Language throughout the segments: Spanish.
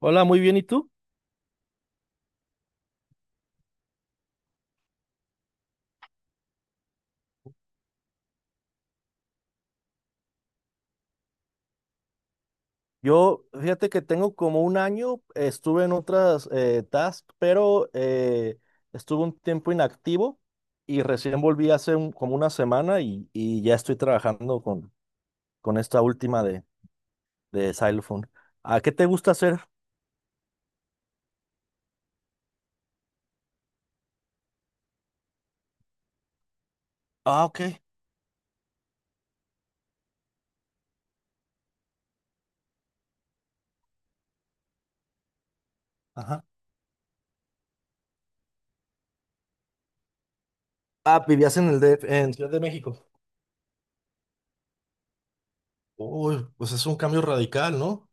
Hola, muy bien. ¿Y tú? Yo, fíjate que tengo como un año, estuve en otras tasks, pero estuve un tiempo inactivo y recién volví hace como una semana y ya estoy trabajando con esta última de Xylophone. ¿A qué te gusta hacer? Ah, ok. Ajá. Ah, vivías en el DF, en Ciudad de México. Uy, pues es un cambio radical, ¿no?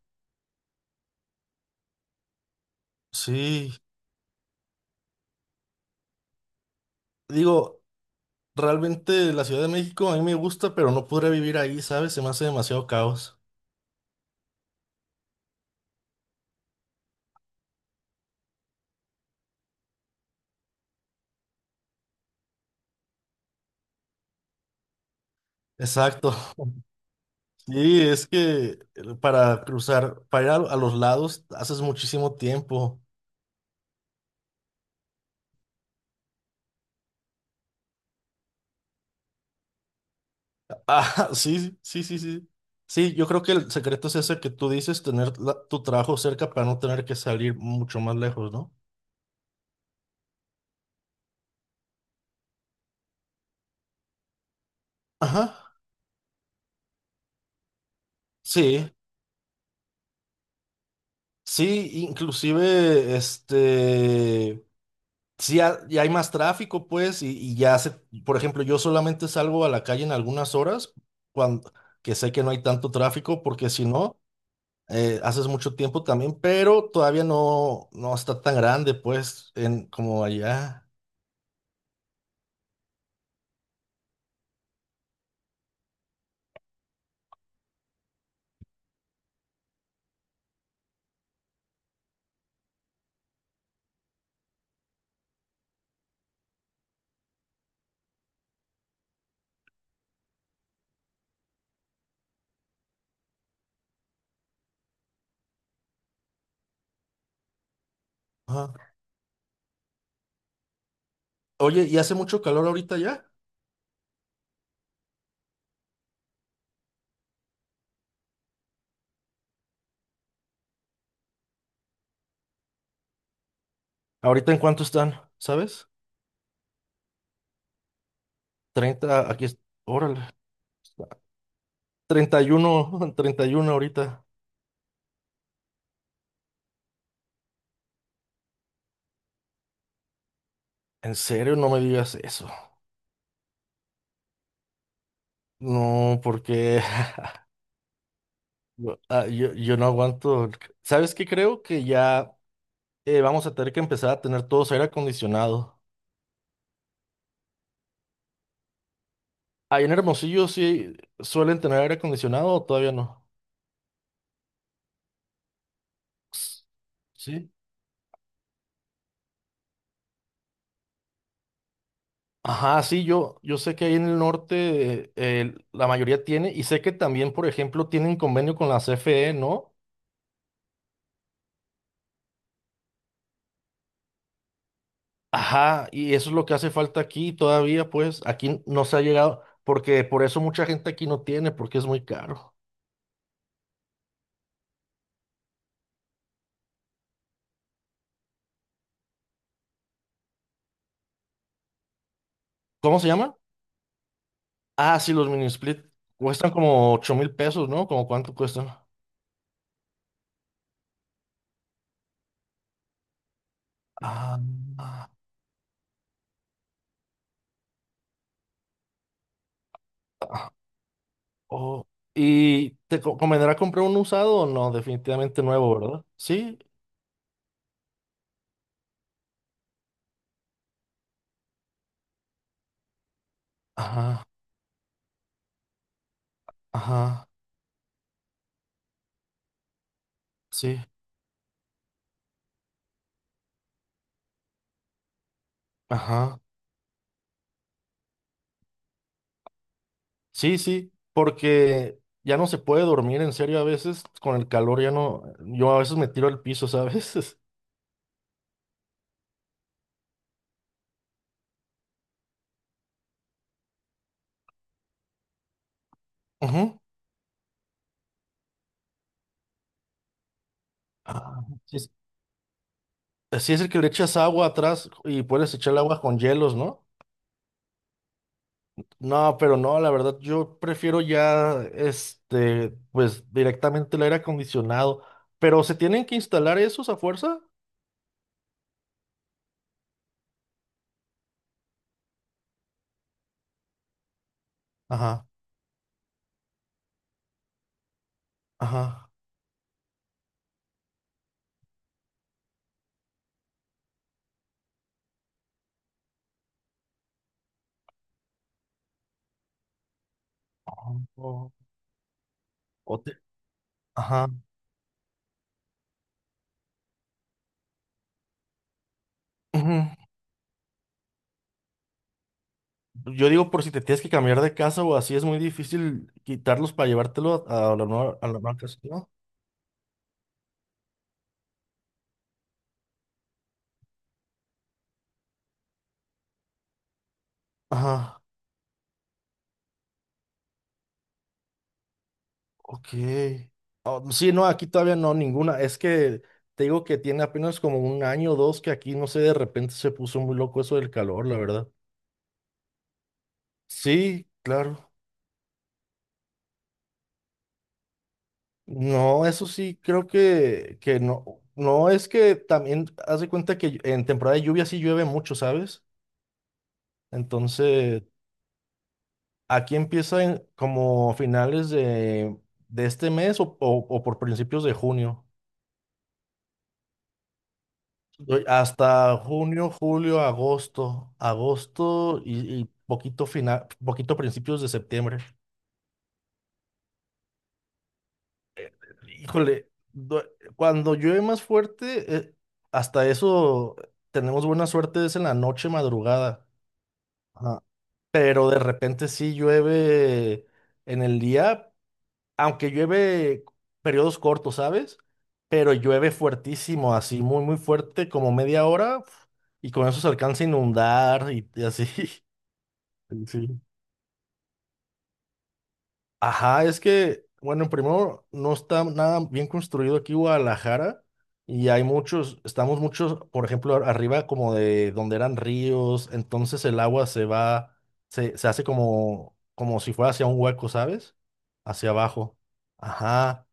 Sí. Digo, realmente la Ciudad de México a mí me gusta, pero no podría vivir ahí, ¿sabes? Se me hace demasiado caos. Exacto. Sí, es que para cruzar, para ir a los lados, haces muchísimo tiempo. Ah, sí, sí, sí, sí. Sí, yo creo que el secreto es ese que tú dices, tener tu trabajo cerca para no tener que salir mucho más lejos, ¿no? Ajá. Sí, sí, inclusive, este, sí, ya hay más tráfico, pues, por ejemplo, yo solamente salgo a la calle en algunas horas, cuando, que sé que no hay tanto tráfico, porque si no haces mucho tiempo también, pero todavía no, no está tan grande, pues, en, como allá. Ajá. Oye, ¿y hace mucho calor ahorita ya? ¿Ahorita en cuánto están? ¿Sabes? 30, aquí, órale, 31, 31 ahorita. En serio, no me digas eso. No, porque yo no aguanto. ¿Sabes qué? Creo que ya vamos a tener que empezar a tener todos aire acondicionado. Ahí en Hermosillo sí suelen tener aire acondicionado o todavía no. ¿Sí? Ajá, yo sé que ahí en el norte la mayoría tiene y sé que también, por ejemplo, tienen convenio con la CFE, ¿no? Ajá, y eso es lo que hace falta aquí todavía, pues aquí no se ha llegado, porque por eso mucha gente aquí no tiene, porque es muy caro. ¿Cómo se llaman? Ah, sí, los mini split cuestan como 8000 pesos, ¿no? ¿Como cuánto cuestan? Ah, ah, ah, oh. ¿Y te convendrá comprar un usado o no? Definitivamente nuevo, ¿verdad? Sí. Ajá, ajá. Sí, ajá. Sí, sí, porque ya no se puede dormir en serio a veces con el calor, ya no, yo a veces me tiro al piso, ¿sabes? Ujú. Ah, sí es el que le echas agua atrás y puedes echar el agua con hielos, ¿no? No, pero no, la verdad, yo prefiero ya, este, pues directamente el aire acondicionado. Pero se tienen que instalar esos a fuerza. Ajá, ajá. Oh, o te- ajá. Ujú. Yo digo, por si te tienes que cambiar de casa o así, es muy difícil quitarlos para llevártelo a la nueva casa, ¿no? Ajá, ok. Ah, sí, no, aquí todavía no, ninguna. Es que te digo que tiene apenas como un año o dos que aquí, no sé, de repente se puso muy loco eso del calor, la verdad. Sí, claro. No, eso sí, creo que no. No, es que también haz de cuenta que en temporada de lluvia sí llueve mucho, ¿sabes? Entonces, aquí empieza como finales de este mes o, o por principios de junio. Doy hasta junio, julio, agosto. Agosto y poquito final, poquito principios de septiembre. Híjole, cuando llueve más fuerte, hasta eso tenemos buena suerte, es en la noche madrugada. Ajá. Pero de repente sí llueve en el día, aunque llueve periodos cortos, ¿sabes? Pero llueve fuertísimo, así muy, muy fuerte, como media hora, uf, y con eso se alcanza a inundar y así. Sí. Ajá, es que, bueno, primero, no está nada bien construido aquí Guadalajara y hay muchos, estamos muchos, por ejemplo, arriba como de donde eran ríos, entonces el agua se va, se hace como si fuera hacia un hueco, ¿sabes? Hacia abajo. Ajá.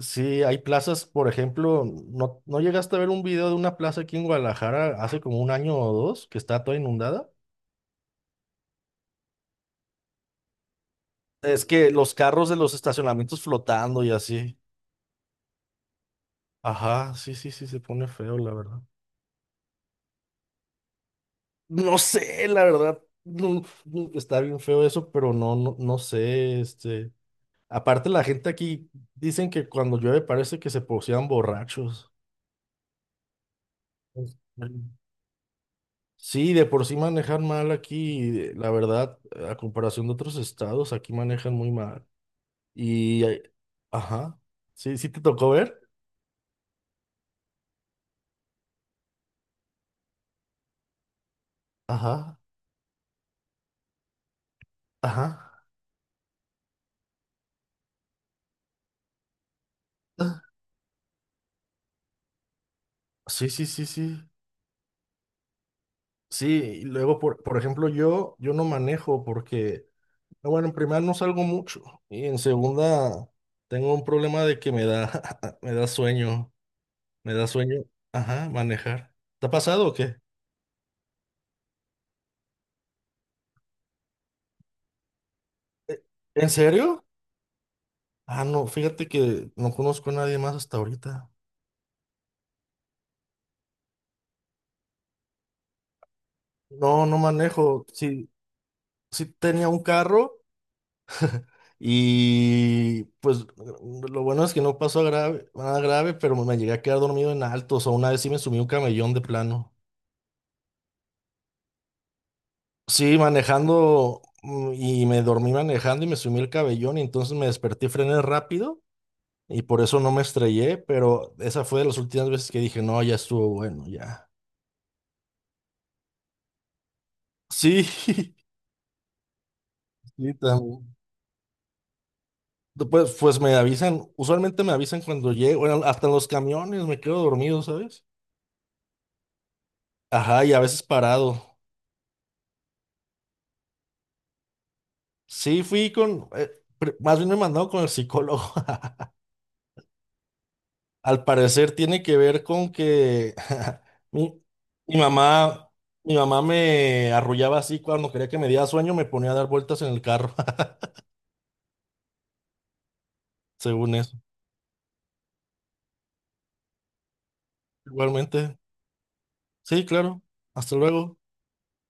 Sí, hay plazas, por ejemplo, ¿no, no llegaste a ver un video de una plaza aquí en Guadalajara hace como un año o dos que está toda inundada? Es que los carros de los estacionamientos flotando y así. Ajá, sí, sí, sí, se pone feo, la verdad. No sé, la verdad, no, no, está bien feo eso, pero no, no, no sé, este. Aparte, la gente aquí dicen que cuando llueve parece que se posean borrachos. Sí, de por sí manejan mal aquí, la verdad, a comparación de otros estados, aquí manejan muy mal. Y, ajá, sí, sí te tocó ver, ajá, ajá, ah, sí, sí, sí, sí, sí, y luego, por ejemplo, yo no manejo porque, ah, bueno, en primera no salgo mucho, y en segunda tengo un problema de que me da, me da sueño, me da sueño, ajá, manejar. ¿Te ha pasado o qué? Eh, ¿En serio? Ah, no, fíjate que no conozco a nadie más hasta ahorita. No, no manejo. Sí, sí tenía un carro y pues lo bueno es que no pasó a grave, nada grave, pero me llegué a quedar dormido en altos. O una vez sí me sumí un camellón de plano. Sí, manejando y me dormí manejando y me sumí el cabellón y entonces me desperté, frené rápido y por eso no me estrellé, pero esa fue de las últimas veces que dije, no, ya estuvo bueno, ya. Sí, sí, también. Pues me avisan, usualmente me avisan cuando llego, bueno, hasta en los camiones me quedo dormido, ¿sabes? Ajá, y a veces parado. Sí, fui con, más bien me mandaron con el psicólogo. Al parecer tiene que ver con que mi, mi mamá, mi mamá me arrullaba así cuando quería que me diera sueño, me ponía a dar vueltas en el carro, según eso. Igualmente, sí, claro. Hasta luego.